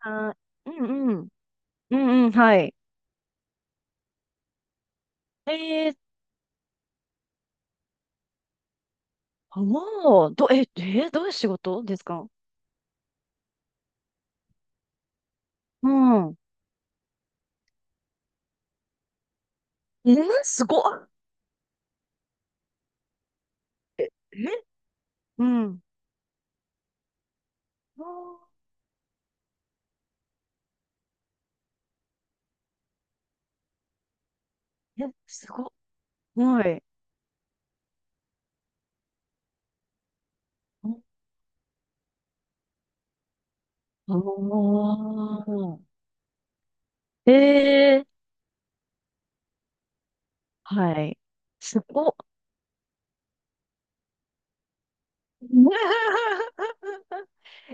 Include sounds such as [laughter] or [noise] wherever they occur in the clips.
あ、うんうん。うんうん、はい。えー、あもう、ど、え、え、どういう仕事ですか？うん。えー、すごっ。え、え、うん。あー、え、すごっ。はい。おー。えー、はい。すごっ。[laughs]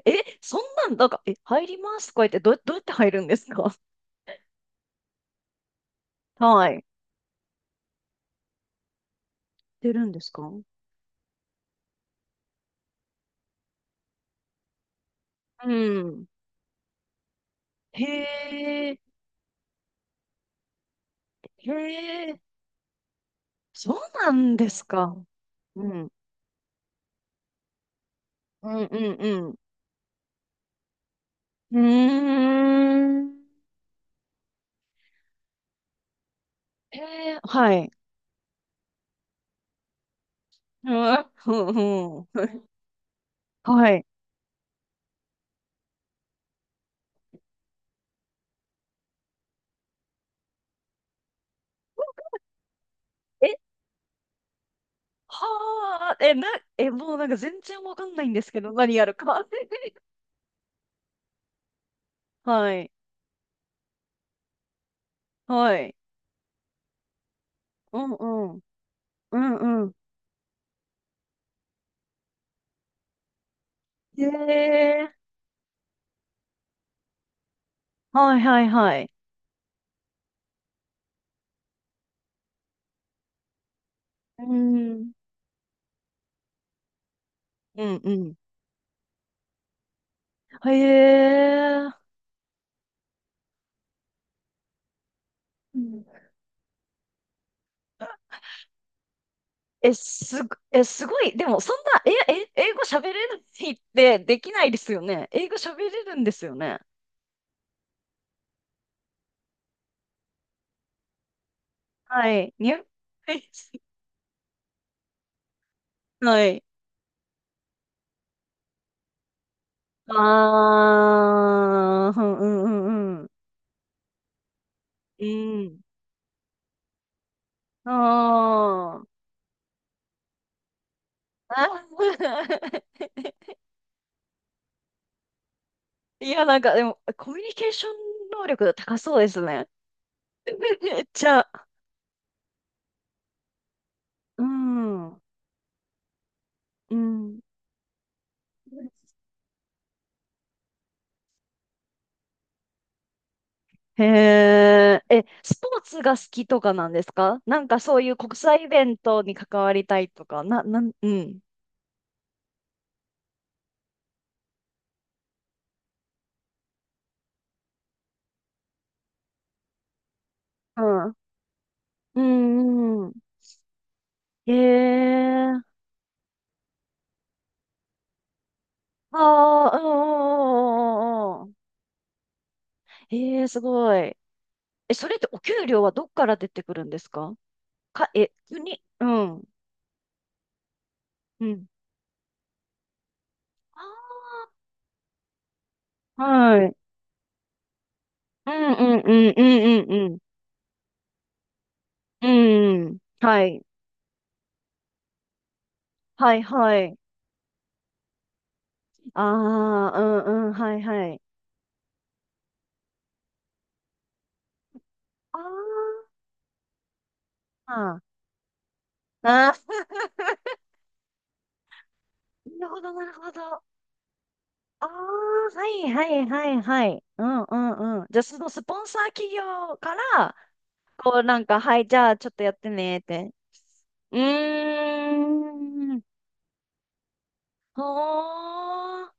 え、そんなんか、入りますとか言って、どうやって入るんですか？ [laughs] はい。出るんですか？うん。へえ、へえ。そうなんですか。うん。うんうんうん。うーん。えー、はい。[laughs] うん。うんうん、はい。え、はあ、え、な、え、もうなんか全然わかんないんですけど、何やるか。[laughs] はい。はい。うんうん。うんうん。へえ。はいはいはい。うん。うんうん。へえ。え、すご、すごい。でも、そんな、英語喋れるってできないですよね。英語喋れるんですよね。はい。にゃ、はい。はい。あー、うんうんうんうん。うん。あー。あー。 [laughs] いや、なんか、でも、コミュニケーション能力高そうですね。[laughs] めっちゃ、うん。うん。へえ、え、スポーツが好きとかなんですか？なんかそういう国際イベントに関わりたいとか、な、なん、うん。うん。うん、うん。へえ、ああ、うん、うん、うん、うん。へえ、すごい。え、それってお給料はどっから出てくるんですか？か、え、国、うん、うん。あー、はい。うん、うん、うん、うん、うん、うん。うん。はい。はい、はい。ああ、うん、うん、はい、はい。ああ。あー、なるほど、なるほど。ああ、はいはいはいはい。うんうんうん。じゃあ、そのスポンサー企業から、こうなんか、はい、じゃあちょっとやってねって。うーん。ほー。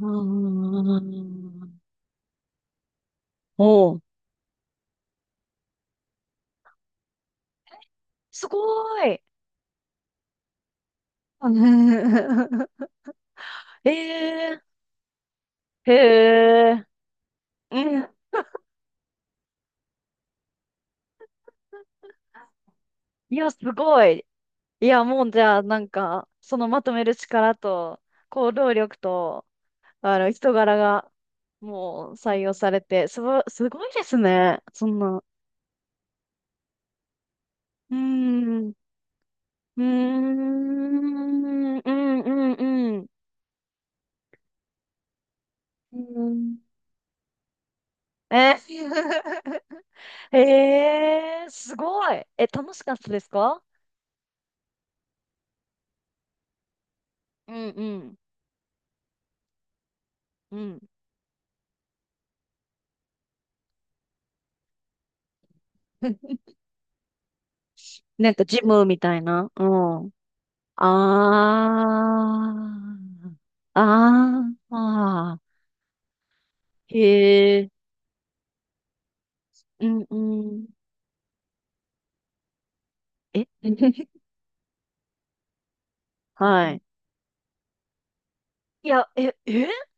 うーん、おう。すごーい。[laughs] えー、へえ。うん。いや、すごい。いや、もうじゃあ、なんか、そのまとめる力と、行動力と、あの人柄が、もう採用されて、すごいですね。そんな。うーん、うーん、うん、うん、うん。うん、え。 [laughs] えー、すごい。え、楽しかったですか？うん、うん、うん。[laughs] なんかジムみたいな。うん。ああ、あー、あー、へえ、うんうん。え。 [laughs] はい。いや、え、えー、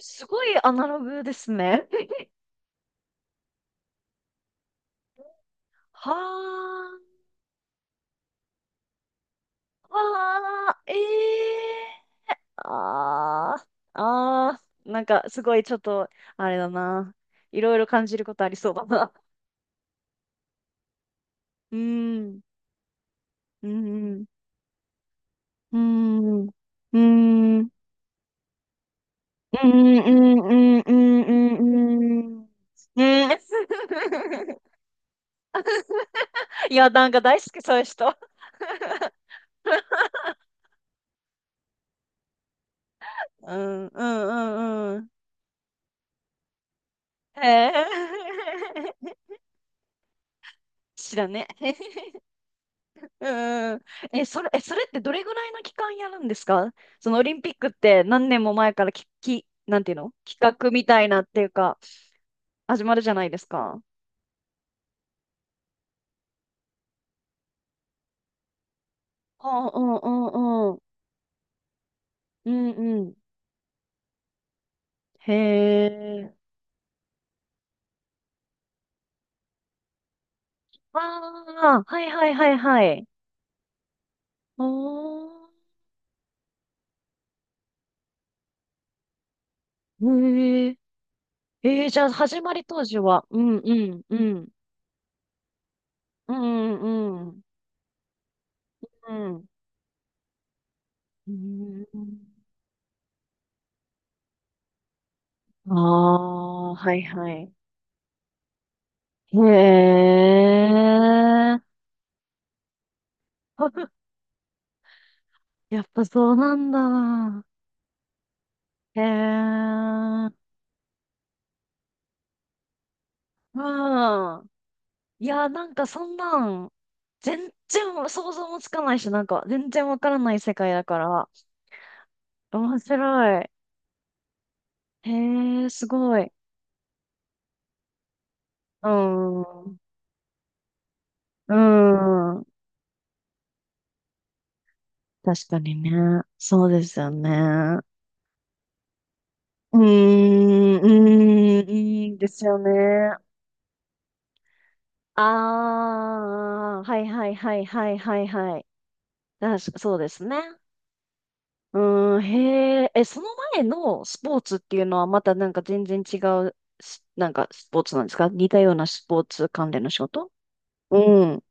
すごいアナログですね。[laughs] はあ、はあ、ええ、ああ、ああ、なんかすごいちょっと、あれだな。いろいろ感じることありそうだな。うーん、うーん、うーん、うーん、うーん、うーん、うーん、うーん、うーん、うーん。 [laughs]。うん。いや、なんか大好き、そういう人。うん、うん、うん、うん。へえ。[laughs] 知らね。うん、え、それ、え、それってどれぐらいの期間やるんですか？そのオリンピックって何年も前からなんていうの、企画みたいなっていうか、始まるじゃないですか。はあ、うんうんうんうん。うんうん。へえ。ああ、はいはいはいはい。おー。へえ。えー、じゃあ始まり当時は、うんうんうん。うんうんうん。うん。うん、ああ、はいはい。へえ。[laughs] あ、やっぱそうなんだ。へえ。うん。いや、なんかそんなん、全然想像もつかないし、なんか全然わからない世界だから、面白い。へえ、すごい。うん。うん。確かにね。そうですよね。うーん、うーん、いいですよね。ああ、はいはいはいはいはいはい。だ、そうですね。うーん、へえ。え、その前のスポーツっていうのはまたなんか全然違うし、なんかスポーツなんですか？似たようなスポーツ関連の仕事。うん。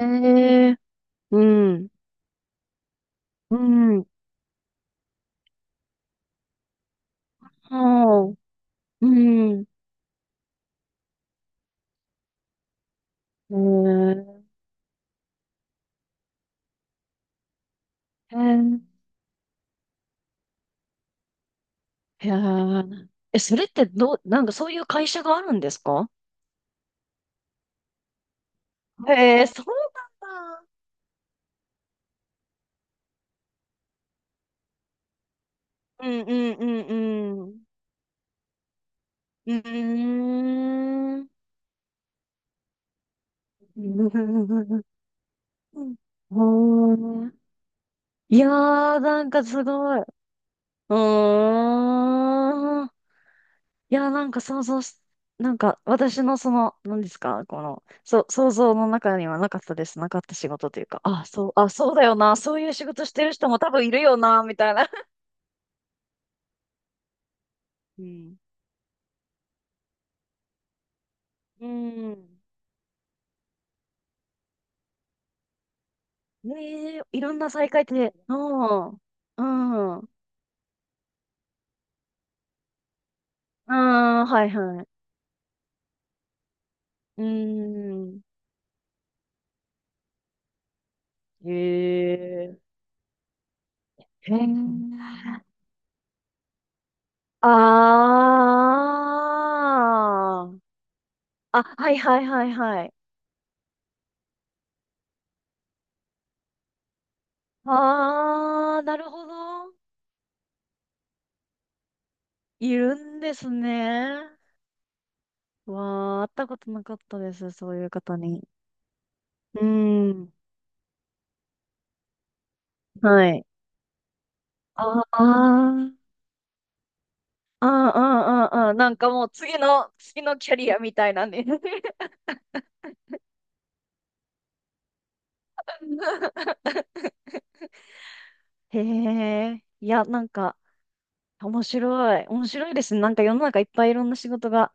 へえ。うん。うん。はあ。うん。へえ。へえ。へえ。え、それってどう、なんかそういう会社があるんですか？へえ、そうなんだ。うんうんうんうん。うーん。[laughs] うん。うん。いやー、なんかすごい。うーん。いやー、なんか想像し、なんか私のその、何ですか、この、そう、想像の中にはなかったです。なかった仕事というか、あ、そう、あ、そうだよな。そういう仕事してる人も多分いるよな、みたいな。[laughs] うん。うん。ねえ、いろんな再会って、うん。うん。うん、はいはい。うん。へえ。へえ。ああ。あ、はいはいはいはい。あー、なるほど。いるんですね。わー、会ったことなかったです、そういう方に。うん。はい。あー、あー、あー、あー、あー、なんかもう次の、次のキャリアみたいなね。[laughs] へえ、いや、なんか、面白い。面白いですね。なんか世の中いっぱいいろんな仕事が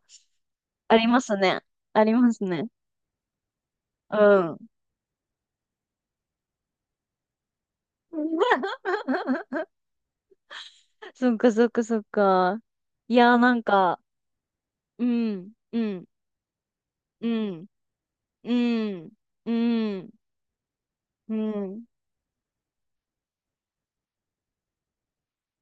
ありますね。ありますね。うん。[laughs] そっかそっかそっか。いや、なんか、うん、うん、うん、うん、うん、うん。